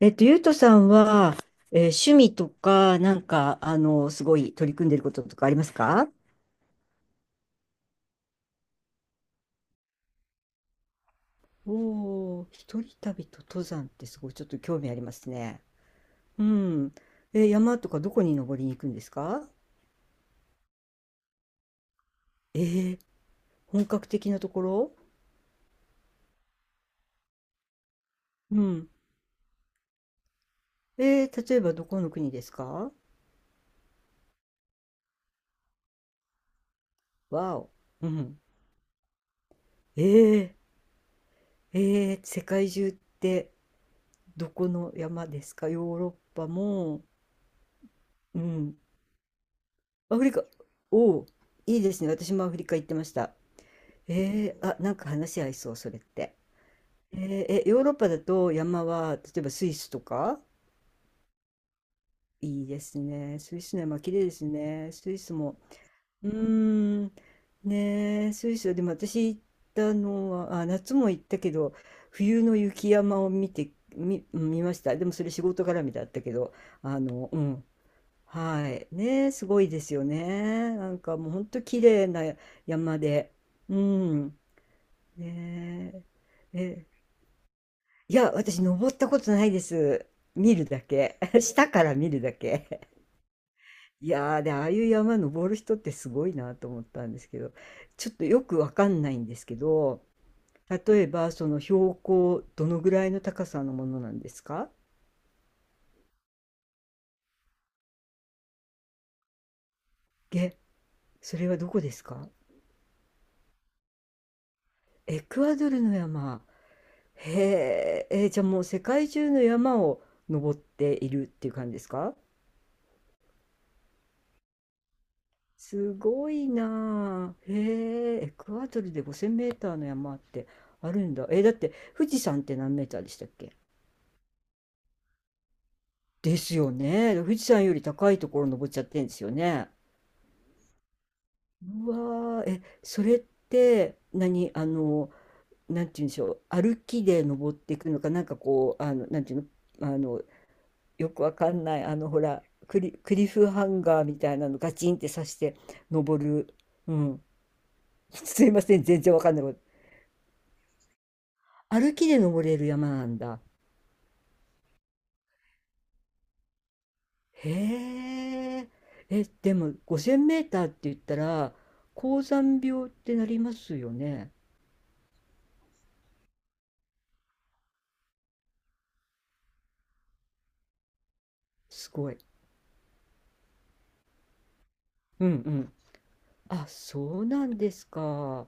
ゆうとさんは、趣味とか、なんか、すごい取り組んでることとかありますか？おお、一人旅と登山ってすごいちょっと興味ありますね。うん。え、山とかどこに登りに行くんですか？えー、本格的なところ。うん。例えばどこの国ですか？わお。うん。えー、世界中って、どこの山ですか？ヨーロッパも、うん。アフリカ、おお、いいですね。私もアフリカ行ってました。あ、なんか話合いそう、それって。ヨーロッパだと山は、例えばスイスとか。いいですね。スイスの山、綺麗ですね。スイスも。うーん、ねえ、スイスは、でも私行ったのは、あ、夏も行ったけど、冬の雪山を見て、見ました。でもそれ仕事絡みだったけど、うん、はい。ねえ、すごいですよね。なんかもう本当綺麗な山で。うん。ねえ。え、いや、私登ったことないです。見るだけ。下から見るだけ。いやー、で、ああいう山登る人ってすごいなと思ったんですけど、ちょっとよくわかんないんですけど、例えばその標高どのぐらいの高さのものなんですか？え、それはどこですか？エクアドルの山。へえ、じゃあもう世界中の山を登っているっていう感じですか？すごいなあ。へえ、エクアドルで5,000メーターの山ってあるんだ。だって富士山って何メーターでしたっけ？ですよね。富士山より高いところ登っちゃってんですよね。うわー、え、それって何、なんて言うんでしょう、歩きで登っていくのか、なんかこう、なんていうの、よくわかんないあのほらクリフハンガーみたいなのガチンって刺して登る、うん、すいません全然わかんないこと。歩きで登れる山なんだ。へえ、えでも5,000メーターって言ったら高山病ってなりますよね？すごい。うんうん。あ、そうなんですか？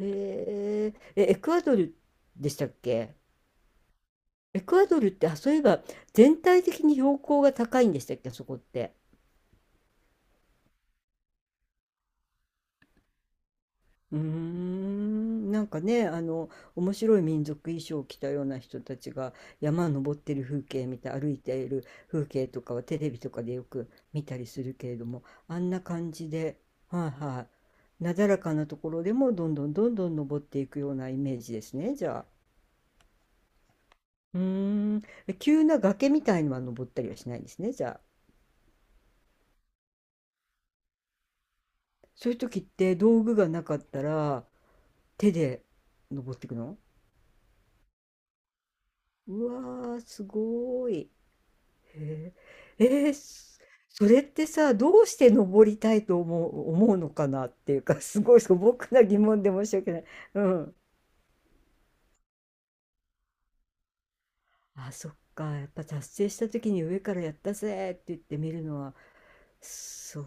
へええ、エクアドルでしたっけ？エクアドルって、あそういえば全体的に標高が高いんでしたっけ、あそこって？うーん、なんかね、面白い民族衣装を着たような人たちが山登ってる風景見て歩いている風景とかはテレビとかでよく見たりするけれども、あんな感じで、はいはい、なだらかなところでもどんどんどんどん登っていくようなイメージですね、じゃあ。うーん、急な崖みたいのは登ったりはしないんですね、じゃあ。そういう時って道具がなかったら手で登っていくの？うわー、すごーい。へえ、それってさ、どうして登りたいと思うのかなっていうか、すごい素朴な疑問で申し訳ない。うん。あ、そっか。やっぱ達成した時に上からやったぜって言ってみるのは、そ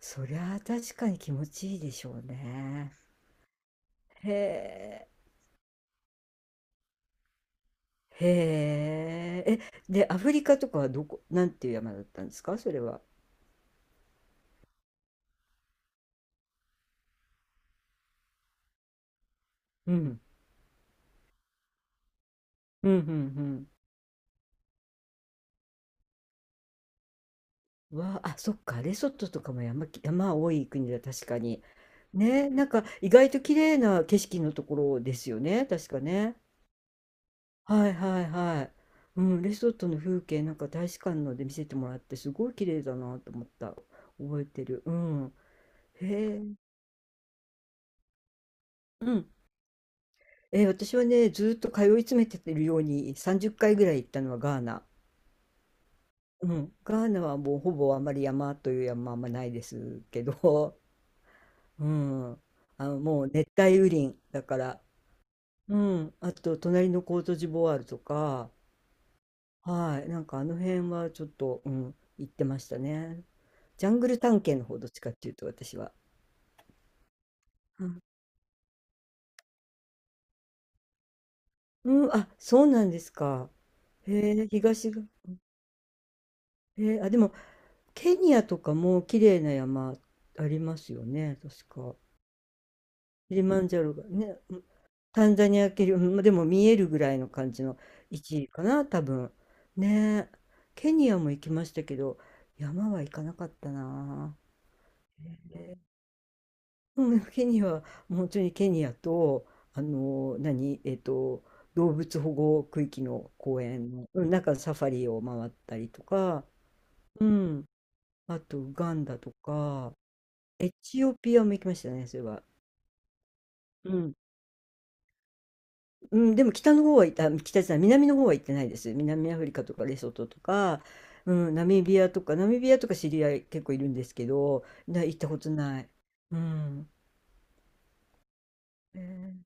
そりゃあ確かに気持ちいいでしょうね。へえ、へえ。え、で、アフリカとかはどこ、なんていう山だったんですか、それは。うん、うん、うん、うん。わあ、あ、そっか、レソトとかも山多い国だ、確かに。ね、なんか意外と綺麗な景色のところですよね、確かね。はいはいはい。うん、レソトの風景なんか大使館ので見せてもらってすごい綺麗だなと思った。覚えてる。うん。へえ。うん。私はね、ずーっと通い詰めてるように30回ぐらい行ったのはガーナ。うん。ガーナはもうほぼあまり山という山はあんまないですけど、うん。あ、もう熱帯雨林だから。うん。あと、隣のコートジボワールとか、はい。なんかあの辺はちょっと、うん、行ってましたね。ジャングル探検の方、どっちかっていうと、私は。うん。うん、あ、そうなんですか。へえ、東が。へえ、あ、でも、ケニアとかも綺麗な山ありますよね、確か。キリマンジャロがね。タンザニア系より、うん、までも見えるぐらいの感じの位置かな、多分。ねえ。ケニアも行きましたけど、山は行かなかったな。ね、うん、ケニアは、もう本当にケニアと、何、動物保護区域の公園の、うん、なんかサファリを回ったりとか、うん、あとウガンダとか、エチオピアも行きましたね、それは。うんうん、でも北の方は行った、北じゃない、南の方は行ってないです。南アフリカとかレソトとか、うん、ナミビアとか、知り合い結構いるんですけど、行ったことない。うん。えー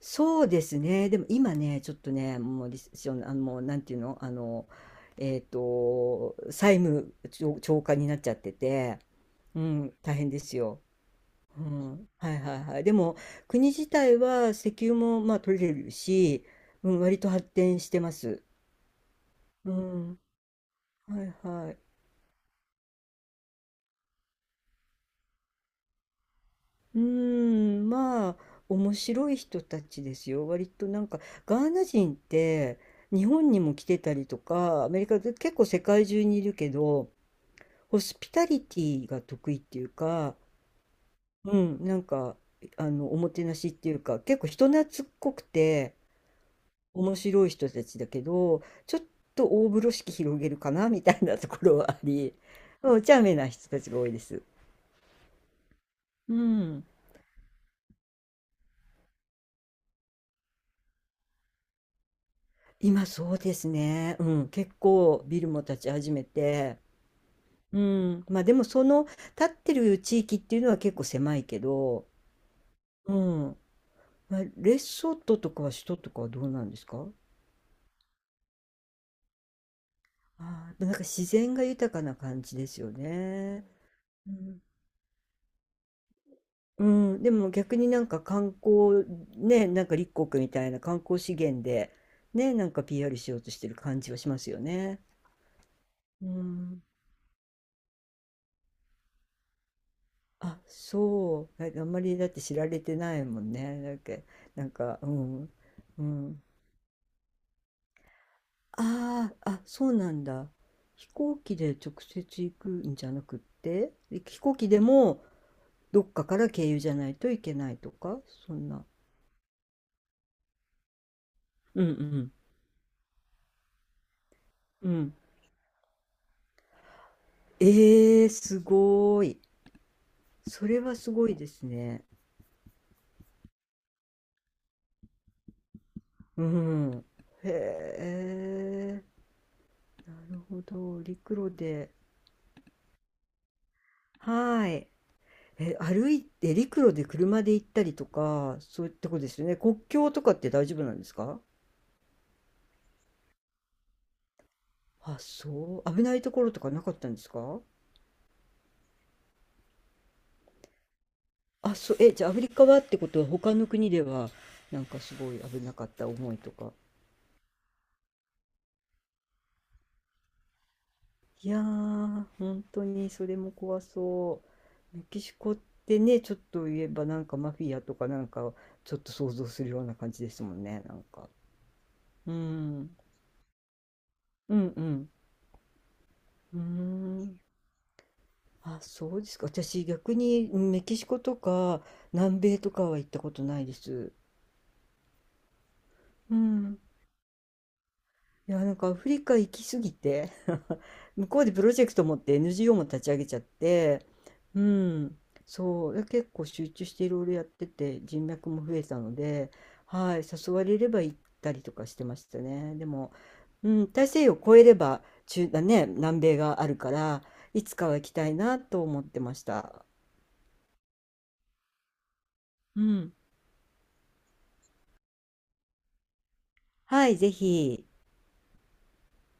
そうですね。でも今ね、ちょっとね、もうリセッション、もうなんていうの、債務超過になっちゃってて、うん、大変ですよ。うん、はいはいはい。でも、国自体は石油もまあ取れるし、うん、割と発展してます。うん、はいはい。うーん、まあ、面白い人たちですよ。割となんか、ガーナ人って、日本にも来てたりとか、アメリカで結構世界中にいるけど、ホスピタリティが得意っていうか、うん、なんか、おもてなしっていうか、結構人懐っこくて、面白い人たちだけど、ちょっと大風呂敷広げるかな、みたいなところはあり、お茶目な人たちが多いです。うん。今そうですね。うん、結構ビルも建ち始めて、うん、まあでもその建ってる地域っていうのは結構狭いけど、うん、まあ、レソトとかは首都とかはどうなんですか？あー、なんか自然が豊かな感じですよね。うん、うん、でも逆になんか観光ね、なんか立国みたいな観光資源でね、なんか PR しようとしてる感じはしますよね。うん、あ、そう。あ、あんまりだって知られてないもんね。だっけ、なんか、うん、うん。ああ、あ、そうなんだ。飛行機で直接行くんじゃなくって、飛行機でもどっかから経由じゃないといけないとか、そんな。うんうん。うん。ええー、すごい。それはすごいですね。うん。へえ、なるほど。陸路で。はい。え、歩いて陸路で車で行ったりとか、そういったことですよね。国境とかって大丈夫なんですか？あ、そう。危ないところとかなかったんですか？あ、そう。え、じゃあアフリカはってことは、他の国ではなんかすごい危なかった思いとか。いやー、本当にそれも怖そう。メキシコってね、ちょっと言えばなんかマフィアとかなんかちょっと想像するような感じですもんね、なんか。うん。うんうん。うーん。あ、そうですか。私逆にメキシコとか南米とかは行ったことないです。うん。いや、なんかアフリカ行きすぎて 向こうでプロジェクト持って NGO も立ち上げちゃって、うん。そう。結構集中していろいろやってて人脈も増えたので、はい。誘われれば行ったりとかしてましたね。でも、うん。大西洋を越えれば中、だね、南米があるから、いつかは行きたいなと思ってました。うん。はい、ぜひ。